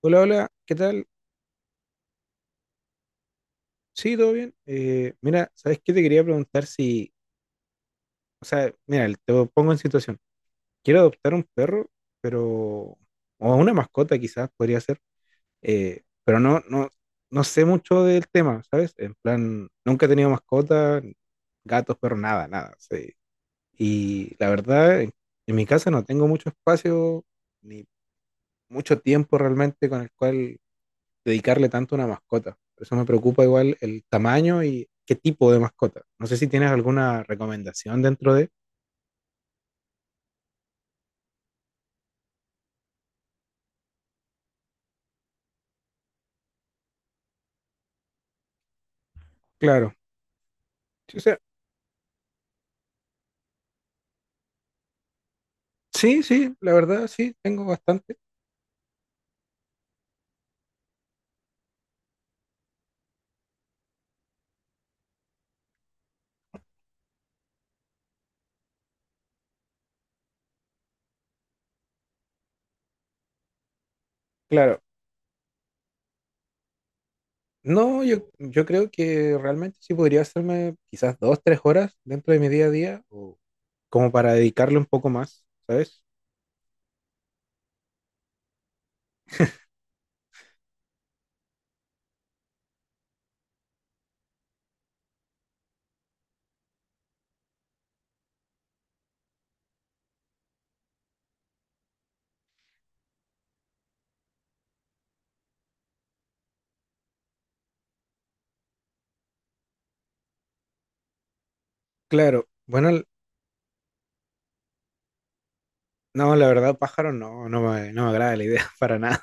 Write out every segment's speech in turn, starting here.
Hola, hola, ¿qué tal? Sí, todo bien. Mira, ¿sabes qué te quería preguntar si, o sea, mira, te lo pongo en situación. Quiero adoptar un perro, pero, o una mascota quizás podría ser, pero no sé mucho del tema, ¿sabes? En plan, nunca he tenido mascota, gatos, perros, nada, nada. Sí. Y la verdad, en mi casa no tengo mucho espacio, ni mucho tiempo realmente con el cual dedicarle tanto a una mascota. Por eso me preocupa igual el tamaño y qué tipo de mascota. No sé si tienes alguna recomendación dentro de... Claro. Sí, o sea, sí, sí, la verdad sí, tengo bastante. Claro. No, yo creo que realmente sí podría hacerme quizás dos, tres horas dentro de mi día a día o como para dedicarle un poco más, ¿sabes? Claro. Bueno, no, la verdad, pájaro no, no me agrada la idea para nada.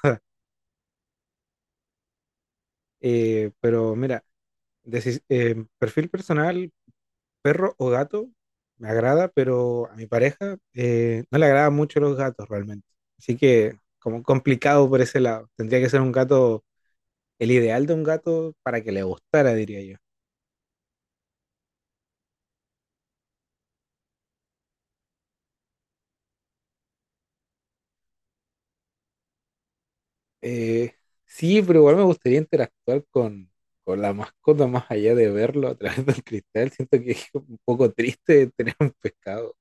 Pero mira, perfil personal, perro o gato me agrada, pero a mi pareja no le agradan mucho los gatos realmente. Así que como complicado por ese lado. Tendría que ser un gato, el ideal de un gato para que le gustara, diría yo. Eh, sí, pero igual me gustaría interactuar con la mascota más allá de verlo a través del cristal. Siento que es un poco triste tener un pescado.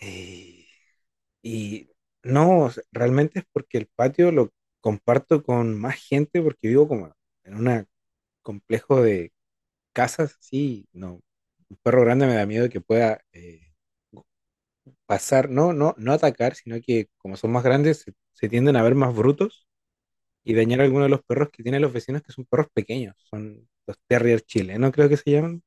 Eh, y no, o sea, realmente es porque el patio lo comparto con más gente porque vivo como en una complejo de casas, sí, no. Un perro grande me da miedo que pueda pasar, no, no, no atacar, sino que como son más grandes, se tienden a ver más brutos y dañar a alguno de los perros que tienen los vecinos, que son perros pequeños, son los terrier chilenos, creo que se llaman.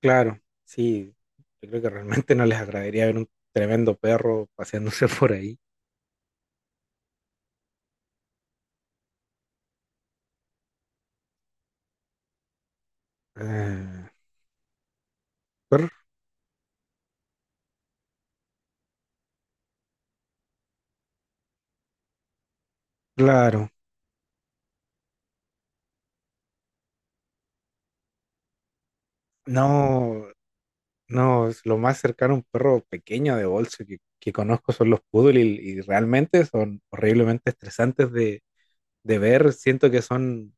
Claro, sí, yo creo que realmente no les agradaría ver un tremendo perro paseándose por ahí. Eh, perro, claro. No, no, es lo más cercano a un perro pequeño de bolso que conozco son los poodle y realmente son horriblemente estresantes de ver. Siento que son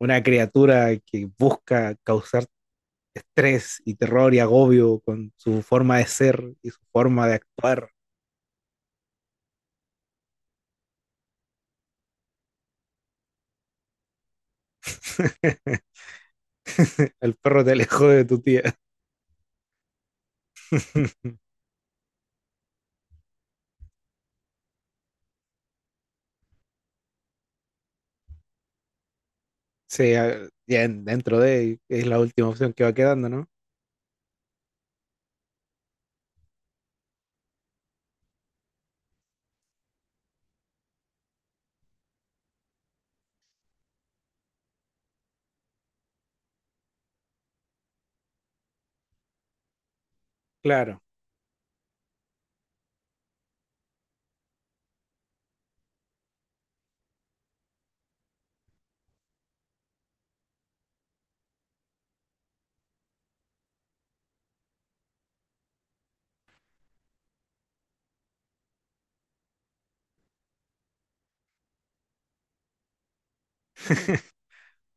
una criatura que busca causar estrés y terror y agobio con su forma de ser y su forma de actuar. El perro te alejó de tu tía. Sí, dentro de es la última opción que va quedando, ¿no? Claro,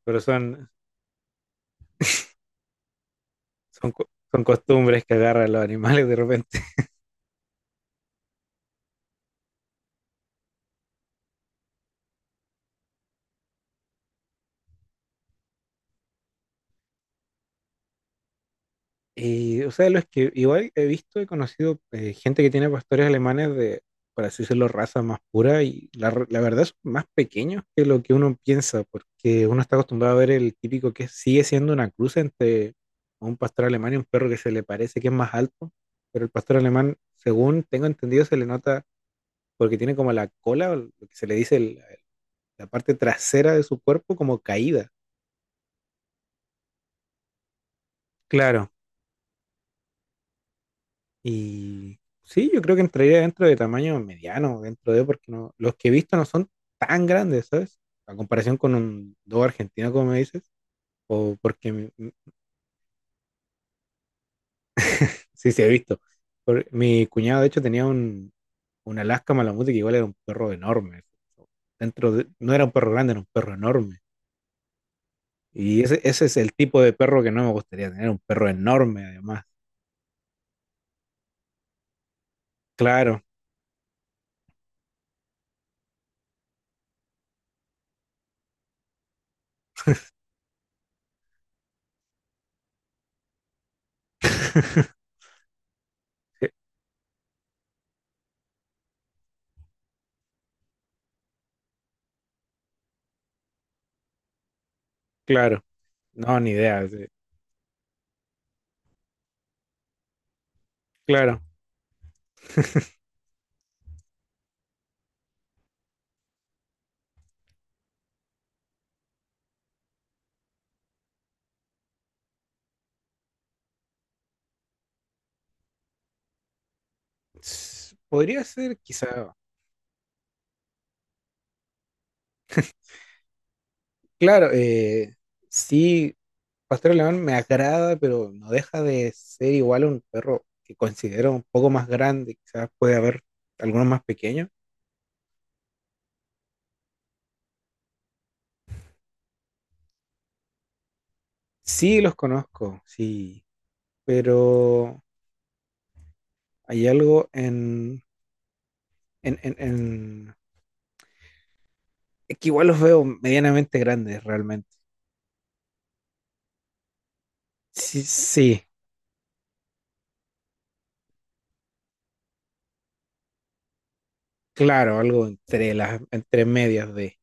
pero son, son costumbres que agarran los animales de repente. Y, o sea, los que igual he visto, he conocido gente que tiene pastores alemanes de, por así decirlo, raza más pura y la verdad son más pequeños que lo que uno piensa, porque uno está acostumbrado a ver el típico que sigue siendo una cruz entre un pastor alemán y un perro que se le parece que es más alto, pero el pastor alemán, según tengo entendido, se le nota porque tiene como la cola, o lo que se le dice la parte trasera de su cuerpo como caída. Claro, y sí, yo creo que entraría dentro de tamaño mediano, dentro de, porque no, los que he visto no son tan grandes, ¿sabes? A comparación con un dog argentino, como me dices, o porque sí, sí he visto. Mi cuñado, de hecho, tenía un Alaska Malamute que igual era un perro enorme. No era un perro grande, era un perro enorme. Y ese es el tipo de perro que no me gustaría tener, un perro enorme, además. Claro. Claro, no, ni idea. Sí. Claro, s- podría ser quizá. Claro, sí, Pastor Alemán me agrada, pero no deja de ser igual a un perro que considero un poco más grande, quizás puede haber algunos más pequeños. Sí, los conozco, sí, pero hay algo en- es que igual los veo medianamente grandes realmente. Sí, sí, claro, algo entre las, entre medias de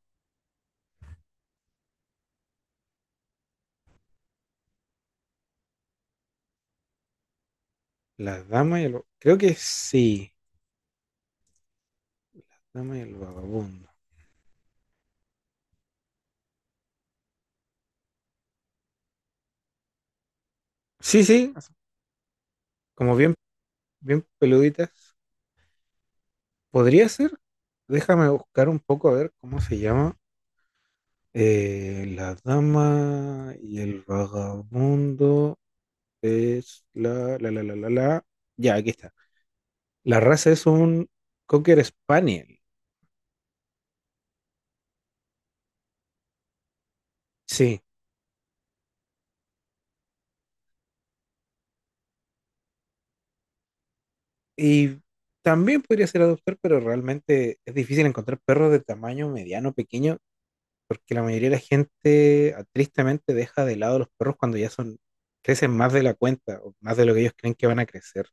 las damas y el, creo que sí, las damas y el vagabundo. Sí, sí, como bien bien peluditas. ¿Podría ser? Déjame buscar un poco a ver cómo se llama. La dama y el vagabundo es la. Ya, aquí está. La raza es un Cocker Spaniel. Sí. Y también podría ser adoptar, pero realmente es difícil encontrar perros de tamaño mediano, pequeño, porque la mayoría de la gente ah, tristemente deja de lado los perros cuando ya son, crecen más de la cuenta o más de lo que ellos creen que van a crecer.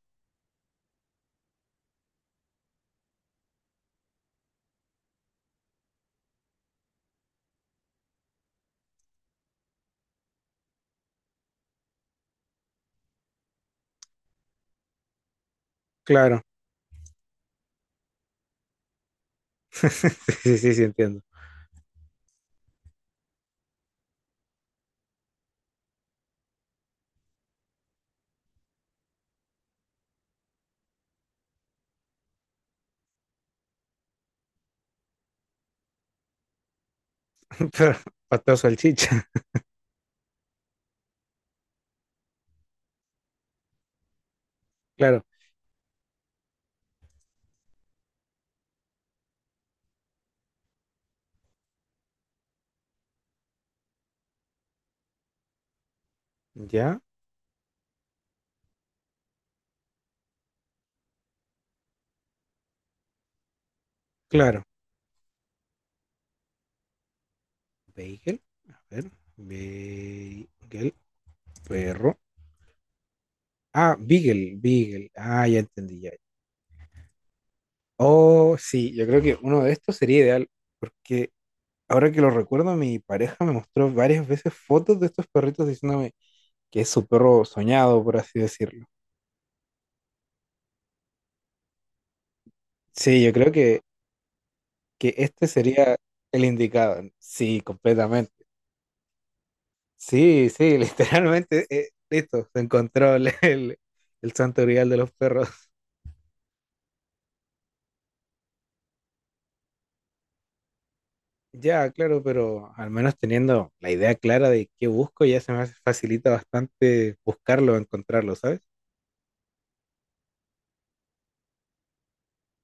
Claro. Sí, sí, sí, entiendo. Pero pastel o salchicha. Claro. Ya, claro. Bagel. A ver. Bagel. Perro. Ah, Beagle. Beagle. Ah, ya entendí. Ya. Oh, sí. Yo creo que uno de estos sería ideal. Porque ahora que lo recuerdo, mi pareja me mostró varias veces fotos de estos perritos diciéndome que es su perro soñado, por así decirlo. Sí, que este sería el indicado. Sí, completamente. Sí, sí, literalmente, listo, se encontró el santo grial de los perros. Ya, claro, pero al menos teniendo la idea clara de qué busco, ya facilita bastante buscarlo, encontrarlo, ¿sabes?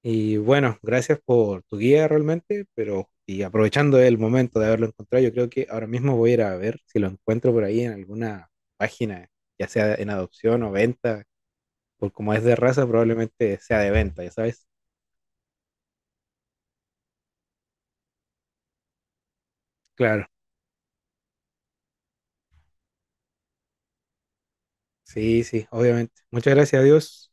Y bueno, gracias por tu guía realmente, pero y aprovechando el momento de haberlo encontrado, yo creo que ahora mismo voy a ir a ver si lo encuentro por ahí en alguna página, ya sea en adopción o venta, por como es de raza, probablemente sea de venta, ya sabes. Claro. Sí, sí, obviamente. Muchas gracias a Dios.